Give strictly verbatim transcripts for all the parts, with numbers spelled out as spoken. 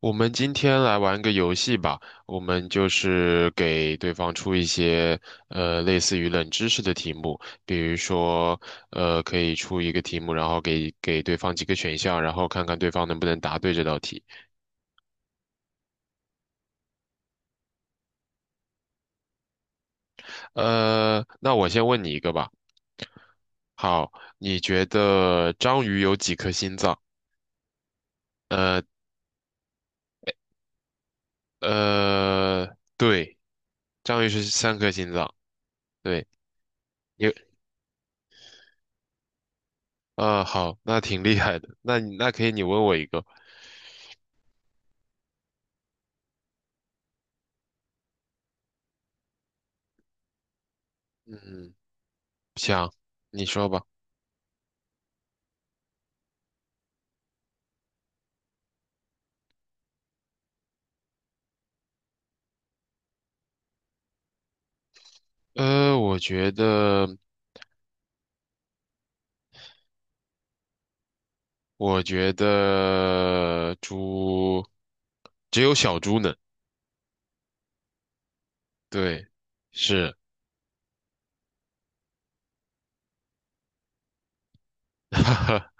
我们今天来玩个游戏吧，我们就是给对方出一些呃类似于冷知识的题目，比如说呃可以出一个题目，然后给给对方几个选项，然后看看对方能不能答对这道题。呃，那我先问你一个吧。好，你觉得章鱼有几颗心脏？呃呃，对，章鱼是三颗心脏。对，有呃好，那挺厉害的。那你那可以，你问我一个。嗯。想，你说吧。呃，我觉得，我觉得猪只有小猪能。对，是，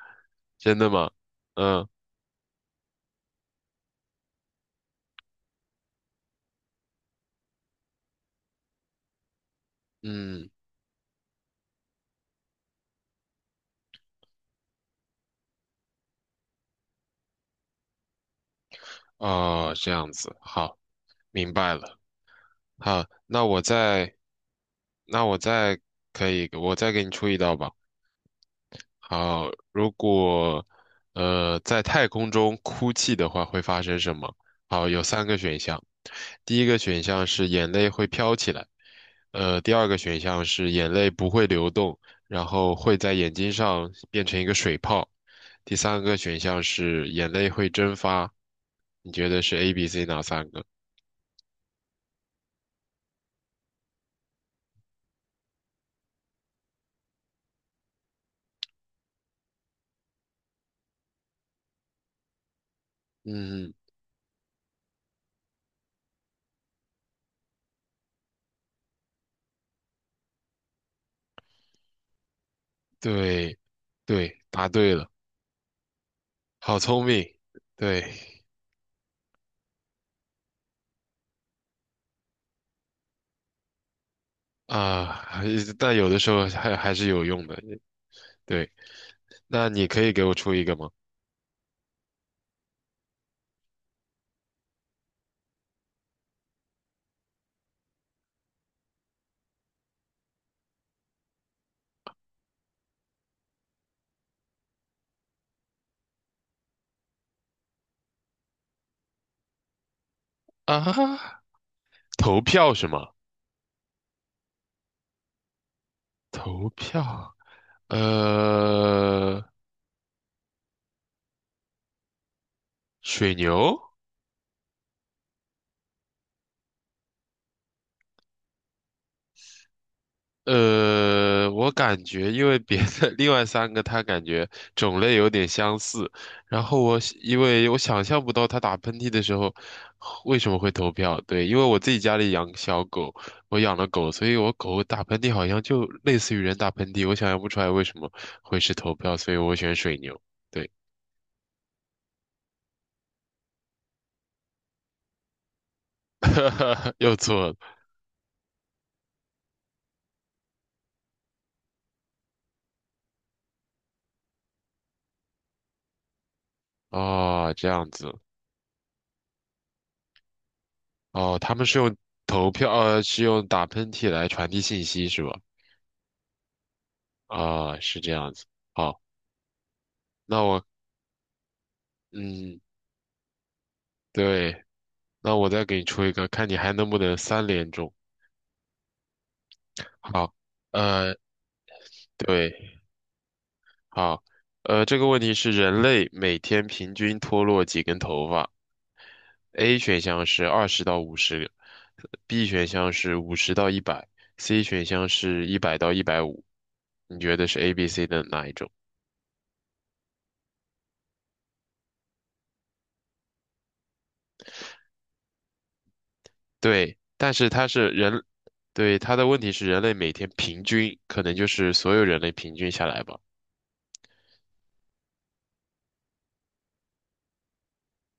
真的吗？嗯嗯，哦，这样子，好，明白了。好，那我再，那我再可以，我再给你出一道吧。好，如果呃在太空中哭泣的话，会发生什么？好，有三个选项。第一个选项是眼泪会飘起来，呃，第二个选项是眼泪不会流动，然后会在眼睛上变成一个水泡。第三个选项是眼泪会蒸发。你觉得是 A、B、C 哪三个？嗯，对，对，答对了，好聪明。对，啊，还但有的时候还还是有用的。对，那你可以给我出一个吗？啊，投票是吗？投票，呃，水牛，呃，我感觉因为别的 另外三个，它感觉种类有点相似，然后我想因为我想象不到它打喷嚏的时候为什么会投票。对，因为我自己家里养小狗，我养了狗，所以我狗打喷嚏好像就类似于人打喷嚏，我想象不出来为什么会是投票，所以我选水牛。对，又错了。哦，这样子。哦，他们是用投票，呃，是用打喷嚏来传递信息是吧？啊、是这样子。好。那我，嗯，对，那我再给你出一个，看你还能不能三连中。好，呃，对，好，呃，这个问题是人类每天平均脱落几根头发？A 选项是二十到五十，B 选项是五十到一百，C 选项是一百到一百五。你觉得是 A、B、C 的哪一种？对，但是它是人，对，它的问题是人类每天平均，可能就是所有人类平均下来吧。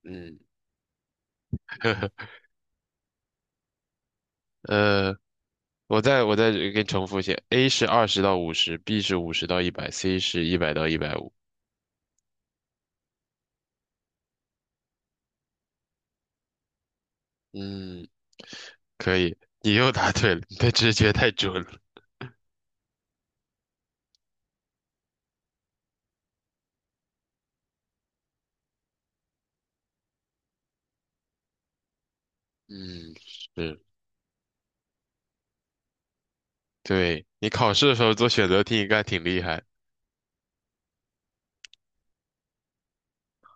嗯，呃。我再我再给你重复一下 a 是二十到五十，B 是五十到一百，C 是一百到一百五。嗯，可以，你又答对了，你的直觉太准了。嗯，是，对，你考试的时候做选择题应该挺厉害。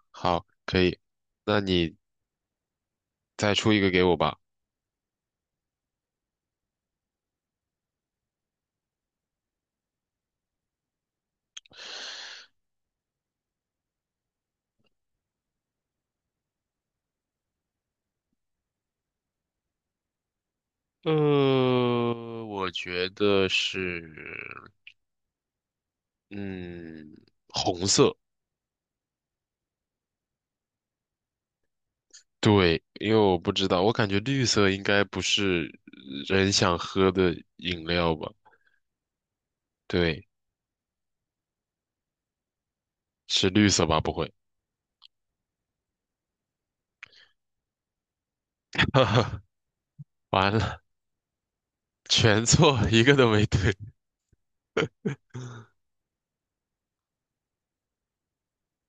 好，可以，那你再出一个给我吧。呃，我觉得是，嗯，红色，对，因为我不知道，我感觉绿色应该不是人想喝的饮料吧？对。是绿色吧？不会，完了，全错，一个都没对。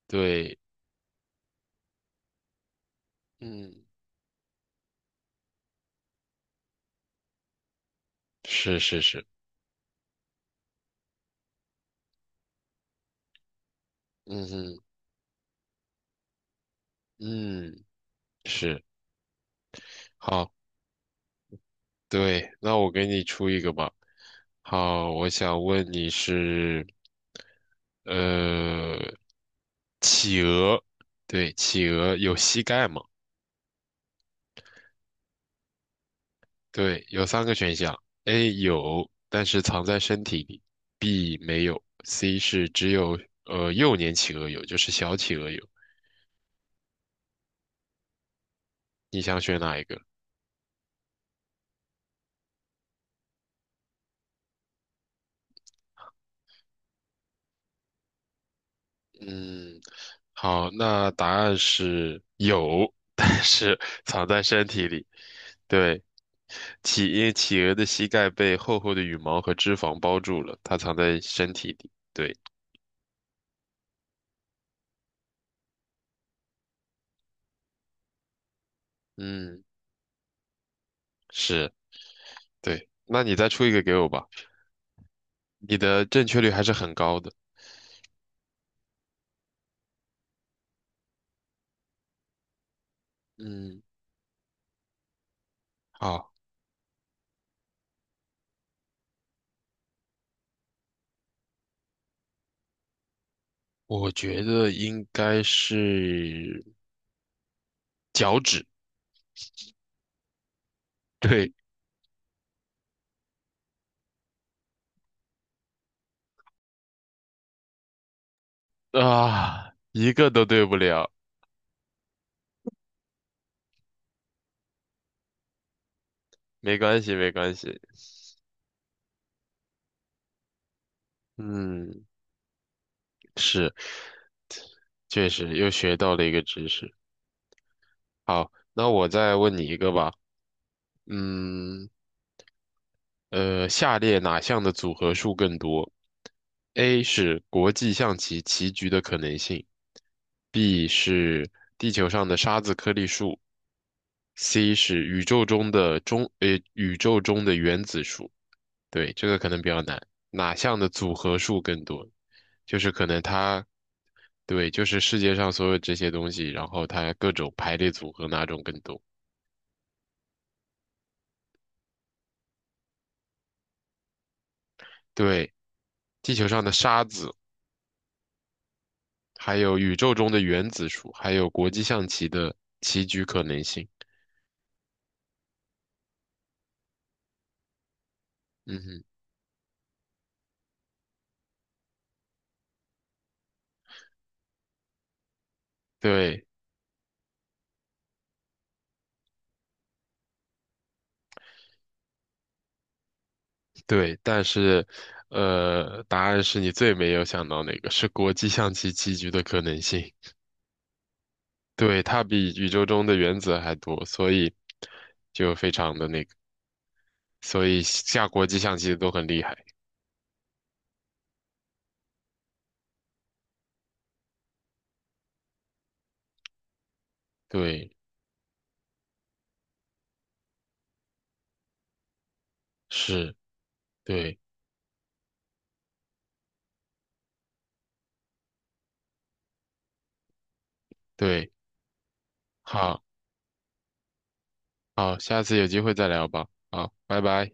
对，嗯，是是是，嗯嗯嗯，是，好，对，那我给你出一个吧。好，我想问你是，呃，企鹅，对，企鹅有膝盖吗？对，有三个选项：A 有，但是藏在身体里；B 没有；C 是只有呃幼年企鹅有，就是小企鹅有。你想选哪一个？嗯，好，那答案是有，但是 藏在身体里。对，企，因为企鹅的膝盖被厚厚的羽毛和脂肪包住了，它藏在身体里。对，嗯，是，对。那你再出一个给我吧，你的正确率还是很高的。嗯。啊，我觉得应该是脚趾。对啊，一个都对不了，没关系，没关系。嗯，是，确实又学到了一个知识。好，那我再问你一个吧。嗯，呃，下列哪项的组合数更多？A 是国际象棋棋局的可能性，B 是地球上的沙子颗粒数，C 是宇宙中的中，呃，宇宙中的原子数。对，这个可能比较难。哪项的组合数更多？就是可能它，对，就是世界上所有这些东西，然后它各种排列组合哪种更多？对，地球上的沙子。还有宇宙中的原子数，还有国际象棋的棋局可能性。嗯哼，对对，但是，呃，答案是你最没有想到哪个是国际象棋棋局的可能性。对，它比宇宙中的原子还多，所以就非常的那个，所以下国际象棋的都很厉害。对，是，对对，好好，下次有机会再聊吧。好，拜拜。